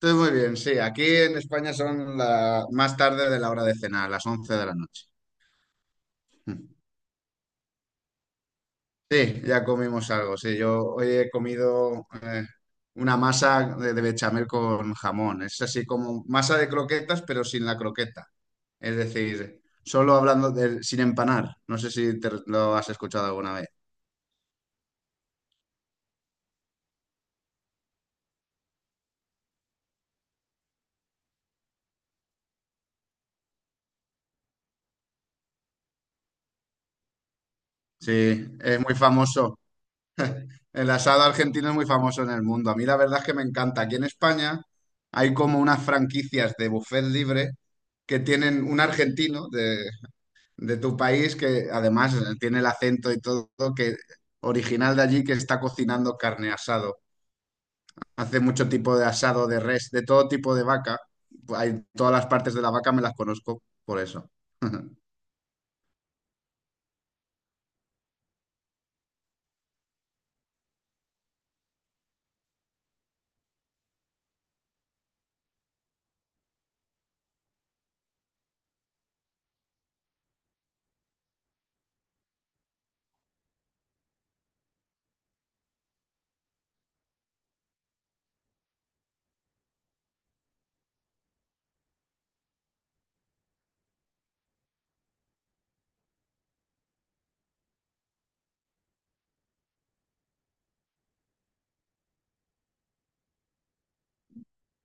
Entonces, muy bien, sí, aquí en España son la, más tarde de la hora de cenar, las 11 de la noche. Sí, ya comimos algo, sí, yo hoy he comido una masa de bechamel con jamón, es así como masa de croquetas, pero sin la croqueta, es decir, solo hablando de, sin empanar, no sé si te lo has escuchado alguna vez. Sí, es muy famoso. El asado argentino es muy famoso en el mundo. A mí la verdad es que me encanta. Aquí en España hay como unas franquicias de buffet libre que tienen un argentino de tu país que además tiene el acento y todo, que original de allí que está cocinando carne asado. Hace mucho tipo de asado de res, de todo tipo de vaca. Hay todas las partes de la vaca me las conozco por eso.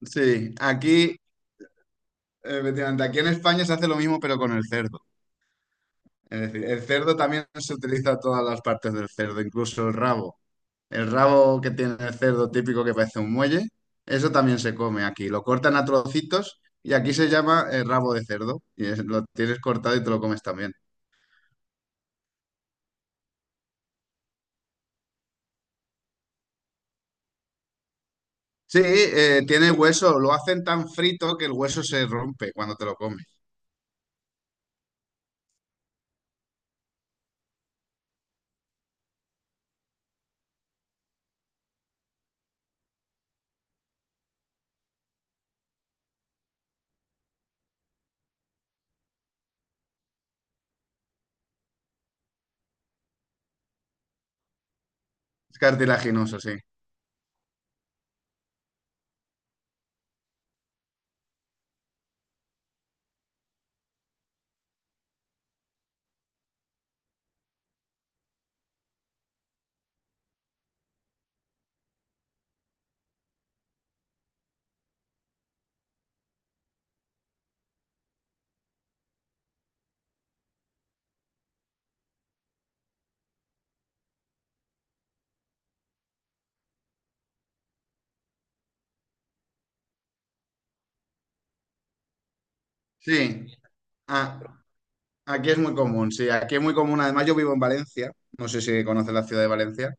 Sí, aquí, efectivamente, aquí en España se hace lo mismo pero con el cerdo. Es decir, el cerdo también se utiliza todas las partes del cerdo, incluso el rabo. El rabo que tiene el cerdo típico que parece un muelle, eso también se come aquí. Lo cortan a trocitos y aquí se llama rabo de cerdo. Lo tienes cortado y te lo comes también. Sí, tiene hueso, lo hacen tan frito que el hueso se rompe cuando te lo comes. Es cartilaginoso, sí. Sí, ah, aquí es muy común, sí, aquí es muy común. Además, yo vivo en Valencia, no sé si conoces la ciudad de Valencia.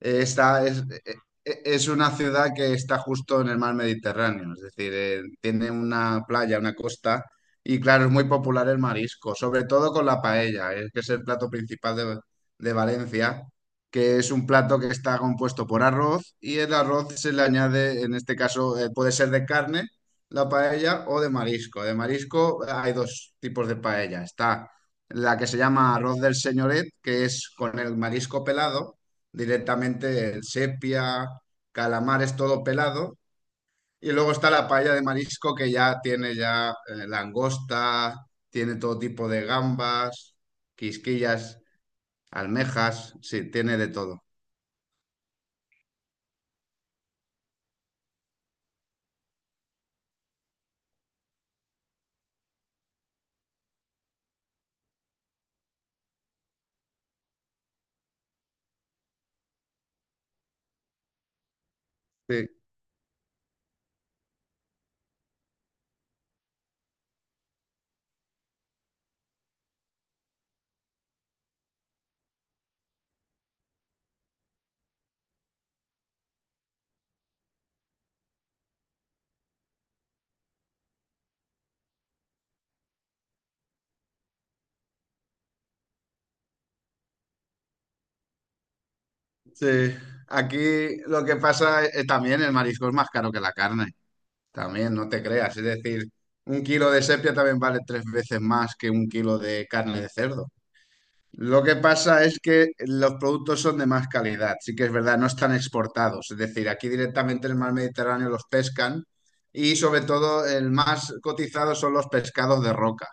Está, eh, es una ciudad que está justo en el mar Mediterráneo, es decir, tiene una playa, una costa, y claro, es muy popular el marisco, sobre todo con la paella, que es el plato principal de Valencia, que es un plato que está compuesto por arroz y el arroz se le añade, en este caso, puede ser de carne, la paella, o de marisco. De marisco hay dos tipos de paella, está la que se llama arroz del señoret, que es con el marisco pelado directamente el sepia, calamares todo pelado. Y luego está la paella de marisco que ya tiene ya langosta, tiene todo tipo de gambas, quisquillas, almejas, sí, tiene de todo. Sí, sí. Aquí lo que pasa es, también el marisco es más caro que la carne, también, no te creas. Es decir, un kilo de sepia también vale 3 veces más que un kilo de carne de cerdo. Lo que pasa es que los productos son de más calidad, sí que es verdad, no están exportados. Es decir, aquí directamente en el mar Mediterráneo los pescan y sobre todo el más cotizado son los pescados de roca.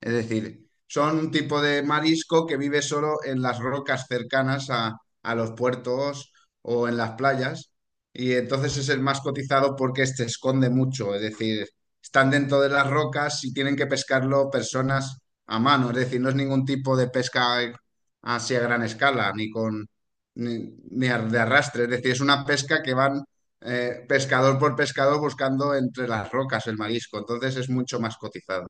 Es decir, son un tipo de marisco que vive solo en las rocas cercanas a los puertos o en las playas y entonces es el más cotizado porque se esconde mucho. Es decir, están dentro de las rocas y tienen que pescarlo personas a mano, es decir, no es ningún tipo de pesca así a gran escala, ni con ni, de arrastre, es decir, es una pesca que van pescador por pescador buscando entre las rocas el marisco, entonces es mucho más cotizado.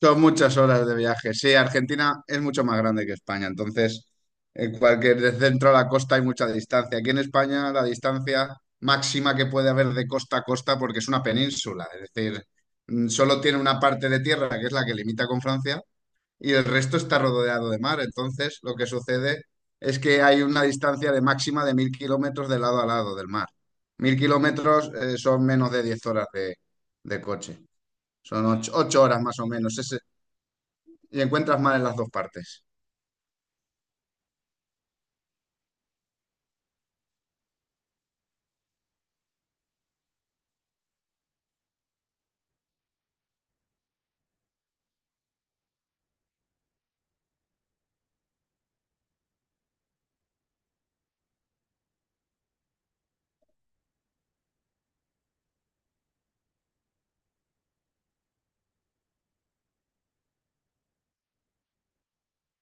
Son muchas horas de viaje. Sí, Argentina es mucho más grande que España, entonces en cualquier de centro a la costa hay mucha distancia. Aquí en España la distancia máxima que puede haber de costa a costa porque es una península, es decir, solo tiene una parte de tierra que es la que limita con Francia y el resto está rodeado de mar. Entonces, lo que sucede es que hay una distancia de máxima de 1.000 kilómetros de lado a lado del mar. 1.000 kilómetros son menos de 10 horas de coche. Son ocho, ocho horas más o menos. Y encuentras mar en las dos partes.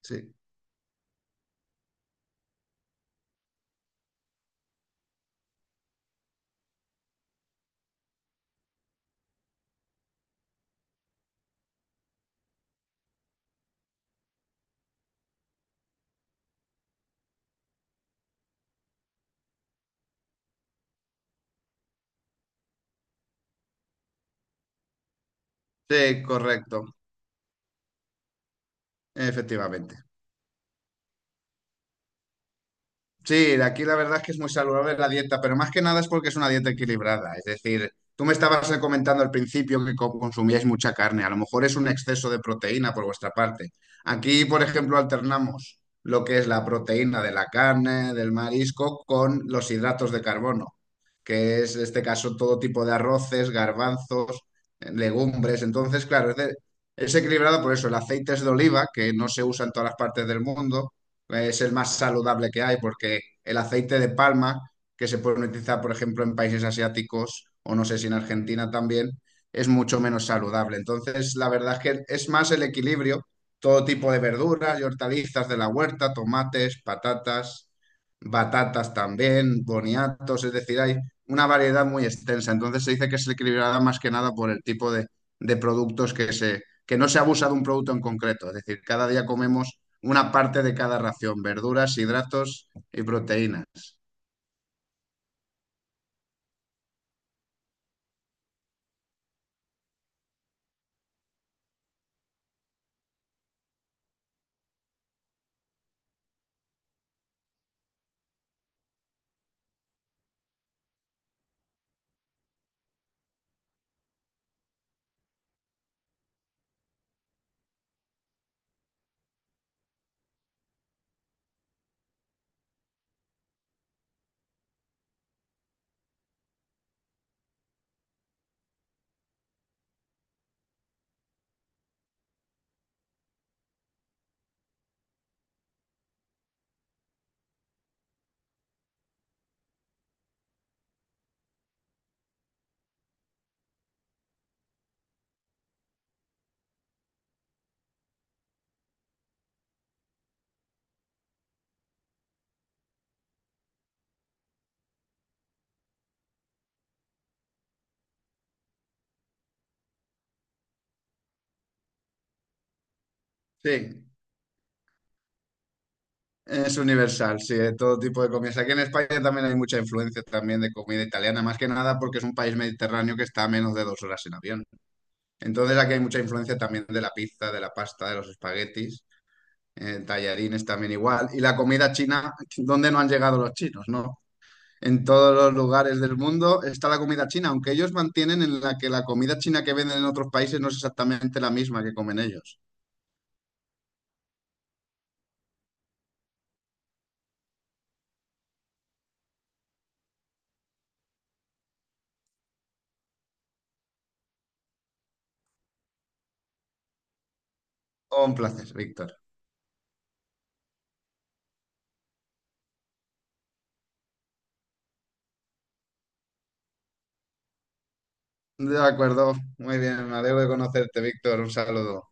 Sí, sí, correcto, efectivamente. Sí, de aquí la verdad es que es muy saludable la dieta, pero más que nada es porque es una dieta equilibrada. Es decir, tú me estabas comentando al principio que consumíais mucha carne, a lo mejor es un exceso de proteína por vuestra parte. Aquí, por ejemplo, alternamos lo que es la proteína de la carne, del marisco, con los hidratos de carbono, que es en este caso todo tipo de arroces, garbanzos, legumbres. Entonces, claro, es, es equilibrado por eso. El aceite es de oliva, que no se usa en todas las partes del mundo es el más saludable que hay porque el aceite de palma, que se puede utilizar, por ejemplo, en países asiáticos o no sé si en Argentina también, es mucho menos saludable. Entonces, la verdad es que es más el equilibrio, todo tipo de verduras y hortalizas de la huerta, tomates, patatas, batatas también, boniatos, es decir, hay una variedad muy extensa. Entonces, se dice que se equilibrada más que nada por el tipo de productos que se... que no se abusa de un producto en concreto, es decir, cada día comemos una parte de cada ración, verduras, hidratos y proteínas. Sí, es universal, sí, de todo tipo de comidas. Aquí en España también hay mucha influencia también de comida italiana, más que nada porque es un país mediterráneo que está a menos de 2 horas en avión. Entonces aquí hay mucha influencia también de la pizza, de la pasta, de los espaguetis, tallarines también igual. Y la comida china, ¿dónde no han llegado los chinos, no? En todos los lugares del mundo está la comida china, aunque ellos mantienen en la que la comida china que venden en otros países no es exactamente la misma que comen ellos. Un placer, Víctor. De acuerdo, muy bien, me alegro de conocerte, Víctor. Un saludo.